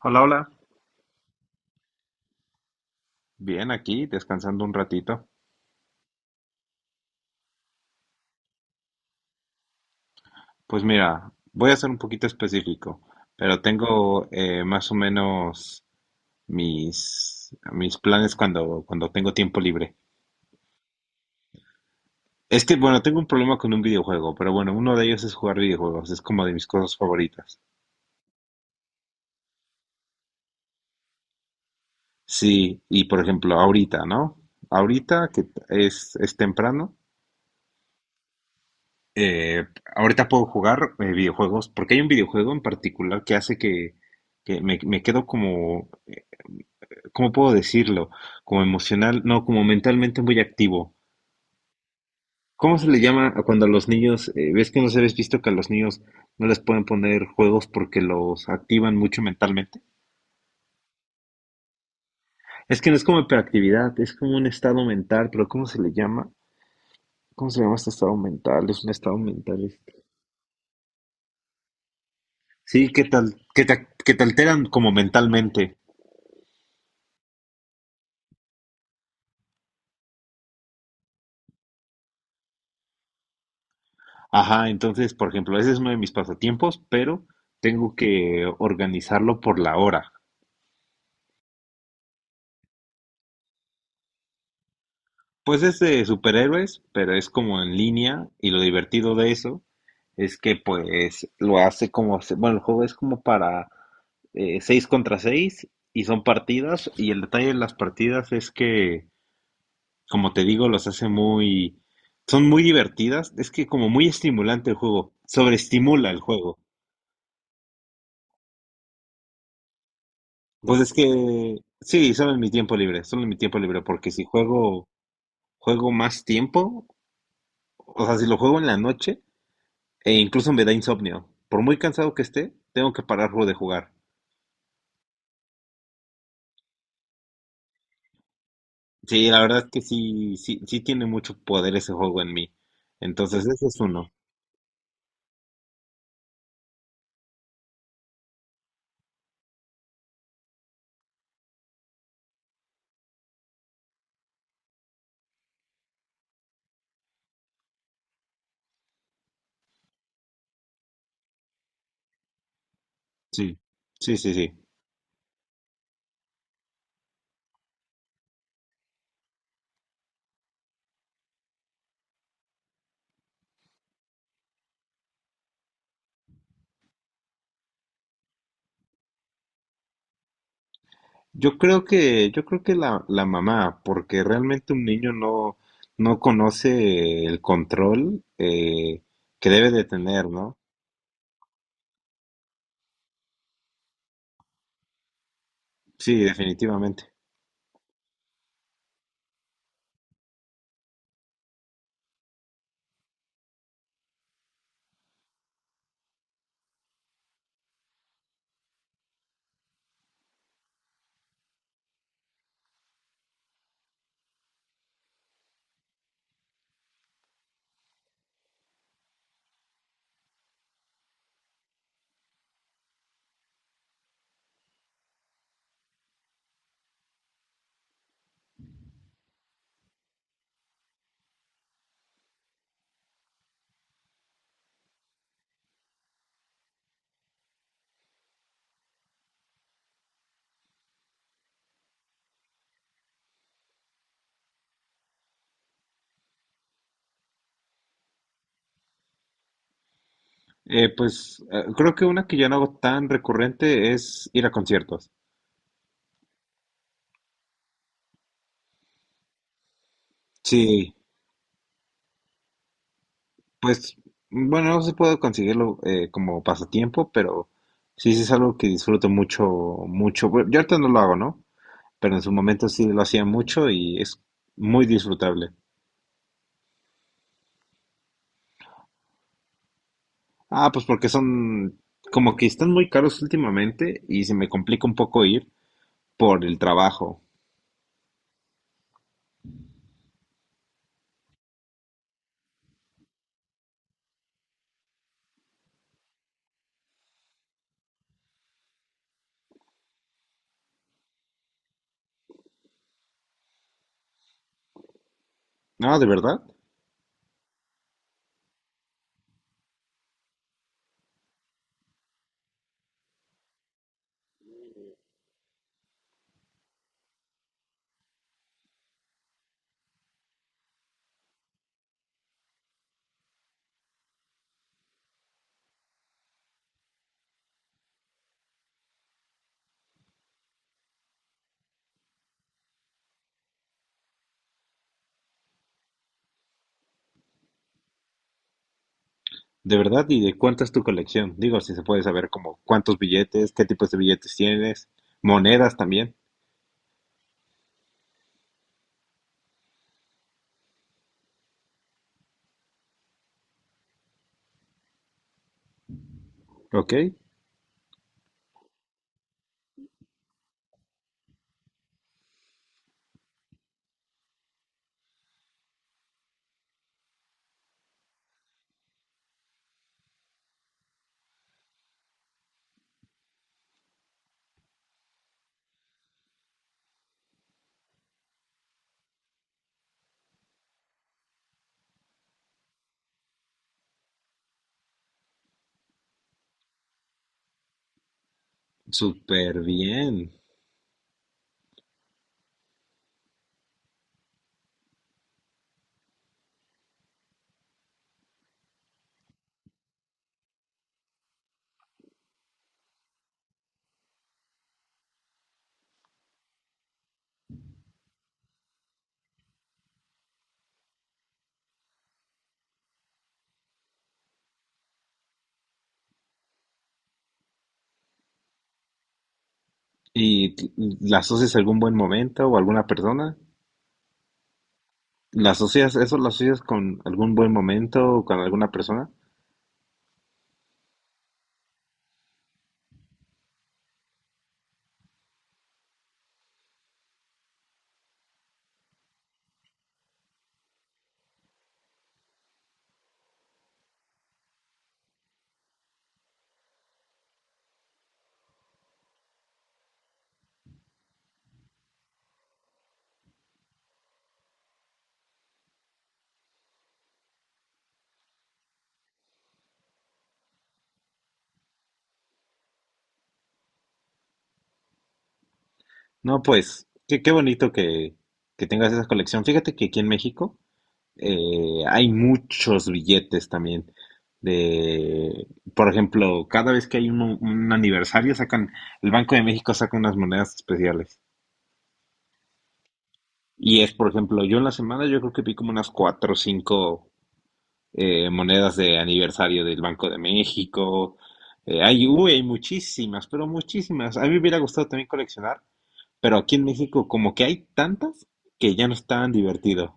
Hola, hola. Bien, aquí descansando un ratito. Pues mira, voy a ser un poquito específico, pero tengo más o menos mis planes cuando tengo tiempo libre. Es que, bueno, tengo un problema con un videojuego, pero bueno, uno de ellos es jugar videojuegos, es como de mis cosas favoritas. Sí, y por ejemplo, ahorita, ¿no? Ahorita que es temprano, eh, ahorita puedo jugar videojuegos, porque hay un videojuego en particular que hace que, que me quedo como ¿cómo puedo decirlo? Como emocional, no, como mentalmente muy activo. ¿Cómo se le llama a cuando a los niños, ves que no se habéis visto que a los niños no les pueden poner juegos porque los activan mucho mentalmente? Es que no es como hiperactividad, es como un estado mental, pero ¿cómo se le llama? ¿Cómo se llama este estado mental? Es un estado mental. Este. Sí, que tal, que te alteran como mentalmente. Ajá, entonces, por ejemplo, ese es uno de mis pasatiempos, pero tengo que organizarlo por la hora. Pues es de superhéroes, pero es como en línea y lo divertido de eso es que pues lo hace como, bueno, el juego es como para 6 contra 6 y son partidas y el detalle de las partidas es que, como te digo, los hace muy, son muy divertidas, es que como muy estimulante el juego, sobreestimula el juego. Pues es que, sí, solo en mi tiempo libre, solo en mi tiempo libre, porque si juego, juego más tiempo, o sea, si lo juego en la noche, e incluso me da insomnio. Por muy cansado que esté, tengo que pararlo de jugar. Sí, la verdad es que sí, sí, sí tiene mucho poder ese juego en mí. Entonces, ese es uno. Sí, sí, sí, sí. Yo creo que la mamá, porque realmente un niño no, no conoce el control que debe de tener, ¿no? Sí, definitivamente. Creo que una que yo no hago tan recurrente es ir a conciertos. Sí, pues, bueno, no se puede conseguirlo como pasatiempo, pero sí, sí es algo que disfruto mucho, mucho. Bueno, yo ahorita no lo hago, ¿no? Pero en su momento sí lo hacía mucho y es muy disfrutable. Ah, pues porque son como que están muy caros últimamente y se me complica un poco ir por el trabajo. Ah, ¿de verdad? ¿De verdad? ¿Y de cuánta es tu colección? Digo, si se puede saber como cuántos billetes, qué tipos de billetes tienes, monedas también. Ok, súper bien. Y la asocias a algún buen momento o alguna persona, la asocias, eso lo asocias con algún buen momento o con alguna persona. No, pues, qué, qué bonito que tengas esa colección. Fíjate que aquí en México hay muchos billetes también. De, por ejemplo, cada vez que hay un aniversario, sacan, el Banco de México saca unas monedas especiales. Y es, por ejemplo, yo en la semana yo creo que vi como unas cuatro o cinco monedas de aniversario del Banco de México. Hay, uy, hay muchísimas, pero muchísimas. A mí me hubiera gustado también coleccionar, pero aquí en México como que hay tantas que ya no es tan divertido.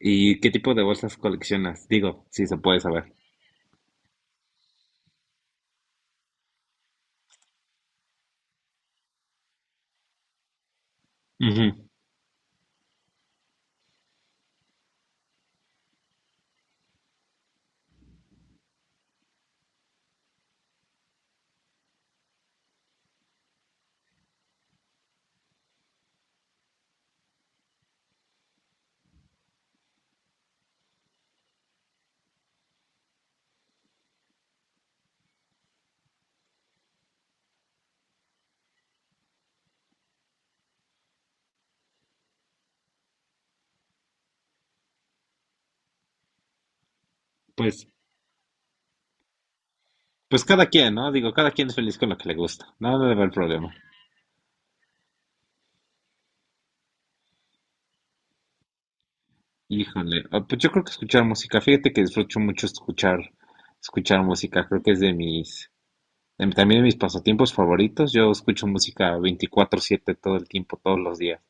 ¿Y qué tipo de bolsas coleccionas? Digo, si se puede saber. Ujú. Pues, pues cada quien, ¿no? Digo, cada quien es feliz con lo que le gusta. Nada de ver problema. Híjole, ah, pues yo creo que escuchar música, fíjate que disfruto mucho escuchar, escuchar música, creo que es de mis, también mis pasatiempos favoritos, yo escucho música 24/7 todo el tiempo, todos los días.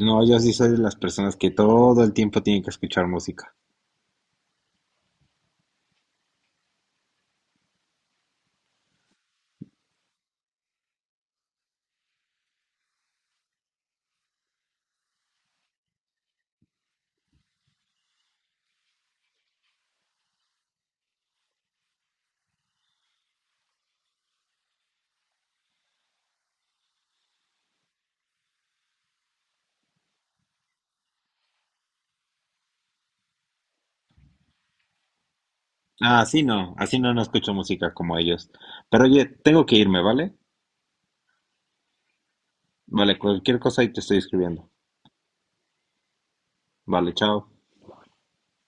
No, yo sí soy de las personas que todo el tiempo tienen que escuchar música. Ah, así no, no escucho música como ellos. Pero oye, tengo que irme, ¿vale? Vale, cualquier cosa ahí te estoy escribiendo. Vale, chao.